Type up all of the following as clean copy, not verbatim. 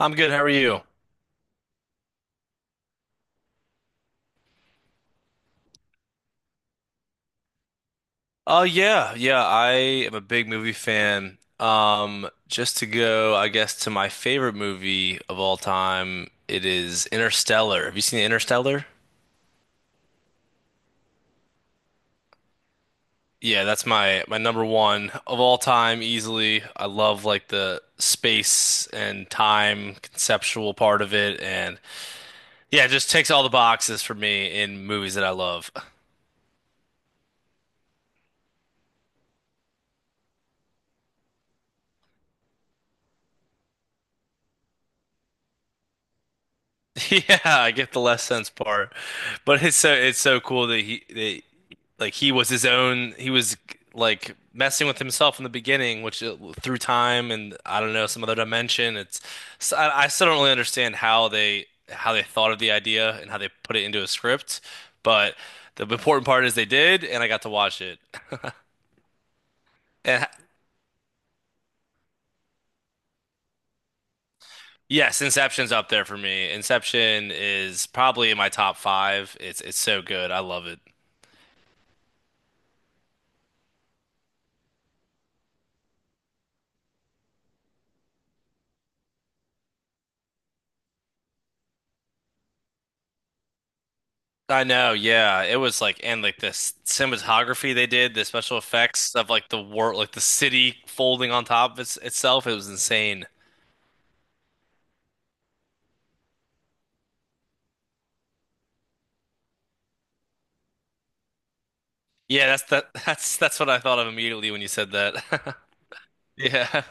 I'm good. How are you? Oh yeah, yeah. I am a big movie fan. Just to go, I guess, to my favorite movie of all time, it is Interstellar. Have you seen Interstellar? Yeah, that's my number one of all time, easily. I love like the space and time conceptual part of it, and yeah, it just takes all the boxes for me in movies that I love. Yeah, I get the less sense part, but it's so cool that he that like he was his own. He was like messing with himself in the beginning, which through time and I don't know some other dimension. I still don't really understand how they thought of the idea and how they put it into a script, but the important part is they did, and I got to watch it. And yes, Inception's up there for me. Inception is probably in my top five. It's so good. I love it. I know, yeah. It was like and like the cinematography they did, the special effects of like the war, like the city folding on top of itself. It was insane. Yeah, that's that. That's what I thought of immediately when you said that. Yeah,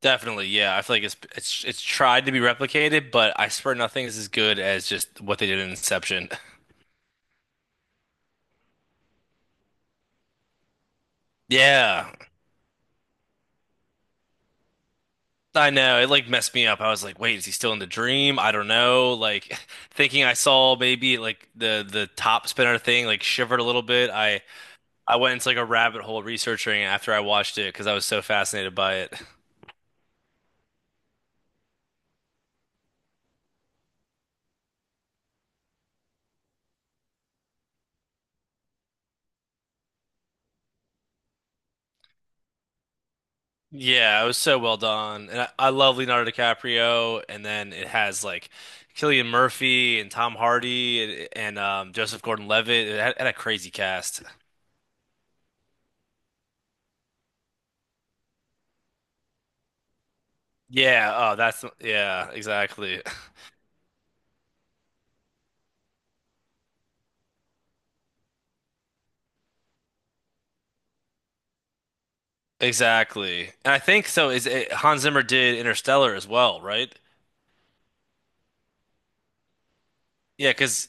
definitely. Yeah, I feel like it's tried to be replicated, but I swear nothing is as good as just what they did in Inception. Yeah, I know. It like messed me up. I was like, wait, is he still in the dream? I don't know. Like thinking I saw maybe like the top spinner thing like shivered a little bit. I went into like a rabbit hole researching it after I watched it because I was so fascinated by it. Yeah, it was so well done. And I love Leonardo DiCaprio. And then it has like Cillian Murphy and Tom Hardy and Joseph Gordon-Levitt. It had a crazy cast. Yeah, oh, yeah, exactly. Exactly. And I think so Hans Zimmer did Interstellar as well, right? Yeah, because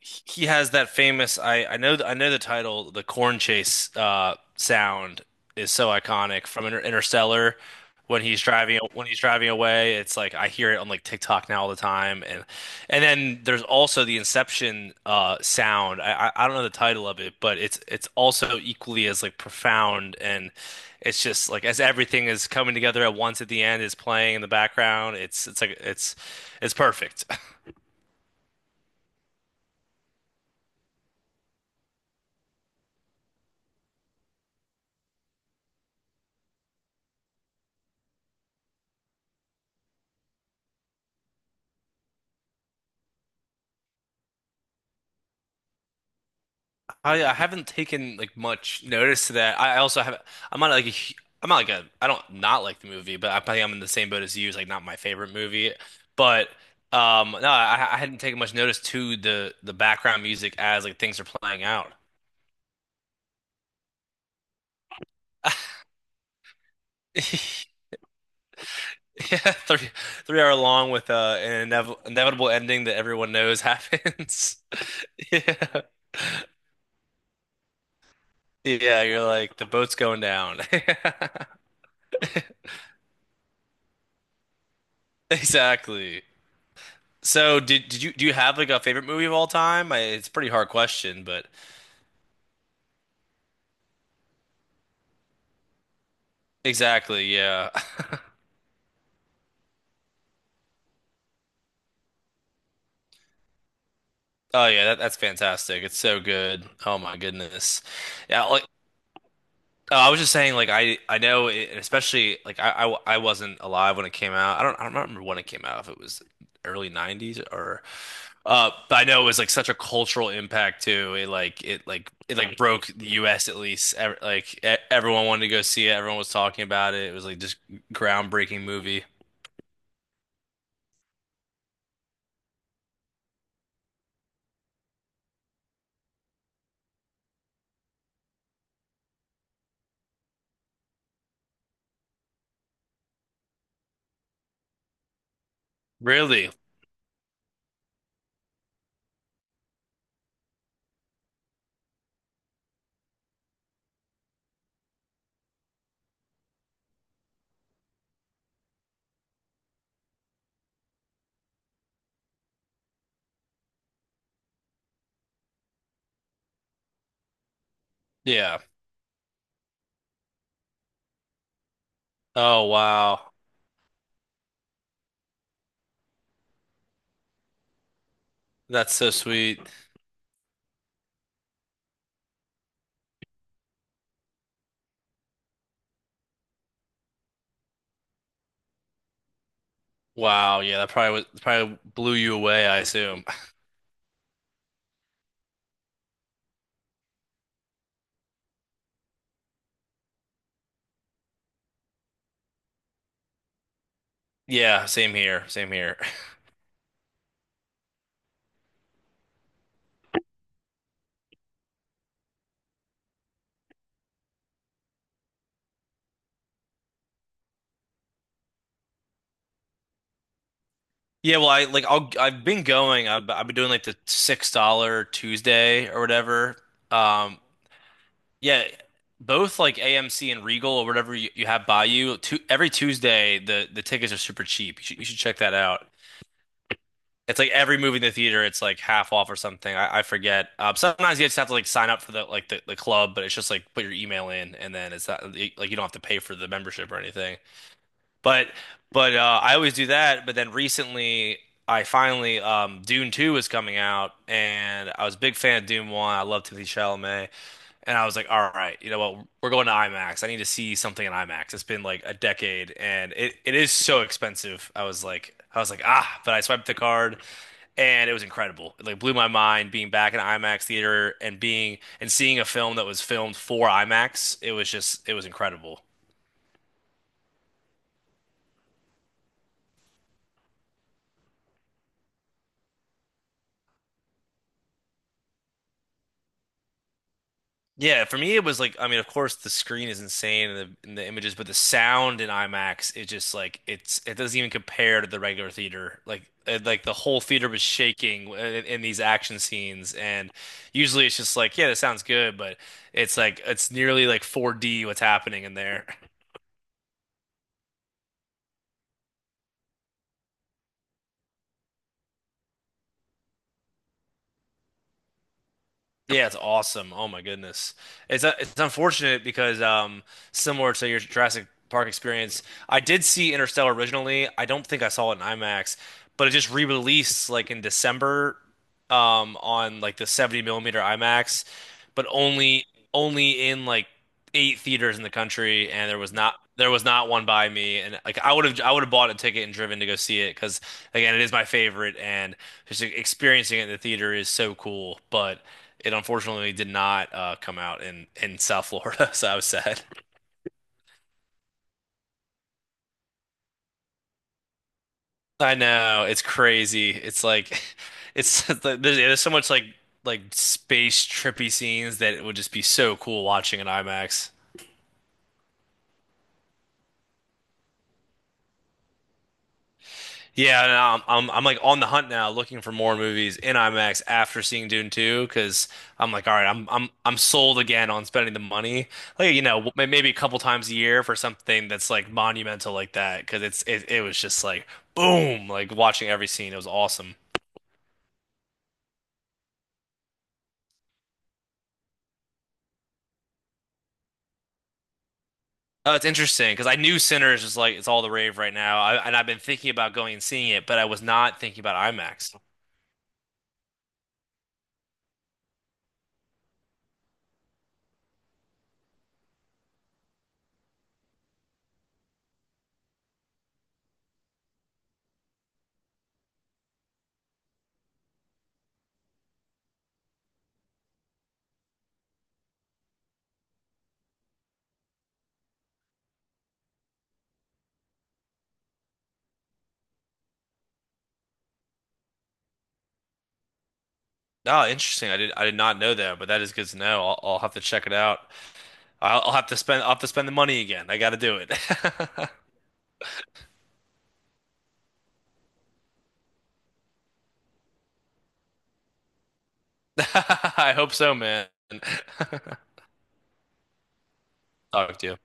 he has that famous. I know the title. The corn chase sound is so iconic from Interstellar when he's driving away. It's like I hear it on like TikTok now all the time, and then there's also the Inception sound. I don't know the title of it, but it's also equally as like profound, and it's just like as everything is coming together at once at the end is playing in the background. It's like it's perfect. I haven't taken like much notice to that. I also have I'm not like a, hu- I don't not like the movie, but I think I'm in the same boat as you. It's like not my favorite movie, but no, I hadn't taken much notice to the background music as like things are playing out. Yeah, three hour long with an inevitable ending that everyone knows happens. Yeah, yeah, you're like the boat's going down. Exactly. So did you do you have like a favorite movie of all time? It's a pretty hard question, but exactly, yeah. Oh yeah, that's fantastic. It's so good. Oh my goodness. Yeah, like I was just saying, like I know, especially like I wasn't alive when it came out. I don't remember when it came out. If it was early '90s, but I know it was like such a cultural impact too. It like broke the U.S. at least. Everyone wanted to go see it. Everyone was talking about it. It was like just groundbreaking movie. Really? Yeah. Oh wow. That's so sweet. Wow, yeah, that probably blew you away, I assume. Yeah, same here, same here. Yeah, well, I've been going. I've been doing like the $6 Tuesday or whatever. Um, yeah, both like AMC and Regal or whatever you have by you. Tu every Tuesday, the tickets are super cheap. You should check that out. It's like every movie in the theater, it's like half off or something. I forget. Sometimes you just have to like sign up for the club, but it's just like put your email in, and then it's not like you don't have to pay for the membership or anything. But I always do that. But then recently, I finally Dune 2 is coming out, and I was a big fan of Dune 1. I love Timothée Chalamet, and I was like, all right, you know what? We're going to IMAX. I need to see something in IMAX. It's been like a decade and it is so expensive. I was like, ah, but I swiped the card and it was incredible. It like blew my mind being back in an IMAX theater and being and seeing a film that was filmed for IMAX. It was just, it was incredible. Yeah, for me it was like I mean, of course the screen is insane and the images, but the sound in IMAX is just like it doesn't even compare to the regular theater. Like the whole theater was shaking in these action scenes, and usually it's just like yeah, that sounds good, but it's nearly like 4D what's happening in there. Yeah, it's awesome. Oh my goodness. It's unfortunate because similar to your Jurassic Park experience, I did see Interstellar originally. I don't think I saw it in IMAX, but it just re-released like in December on like the 70 millimeter IMAX, but only in like eight theaters in the country and there was not one by me and like I would have bought a ticket and driven to go see it because again it is my favorite and just experiencing it in the theater is so cool but it unfortunately did not come out in South Florida, so I was sad. I know it's crazy. It's like it's there's so much like space trippy scenes that it would just be so cool watching in IMAX. Yeah, and I'm like on the hunt now, looking for more movies in IMAX after seeing Dune 2, because I'm like, all right, I'm sold again on spending the money, like maybe a couple times a year for something that's like monumental like that, because it was just like boom, like watching every scene, it was awesome. Oh, it's interesting because I knew Sinners is like it's all the rave right now, and I've been thinking about going and seeing it, but I was not thinking about IMAX. Oh, interesting. I did not know that, but that is good to know. I'll have to check it out. I'll have to spend I'll have to spend the money again. I got to do it. I hope so, man. Talk to you.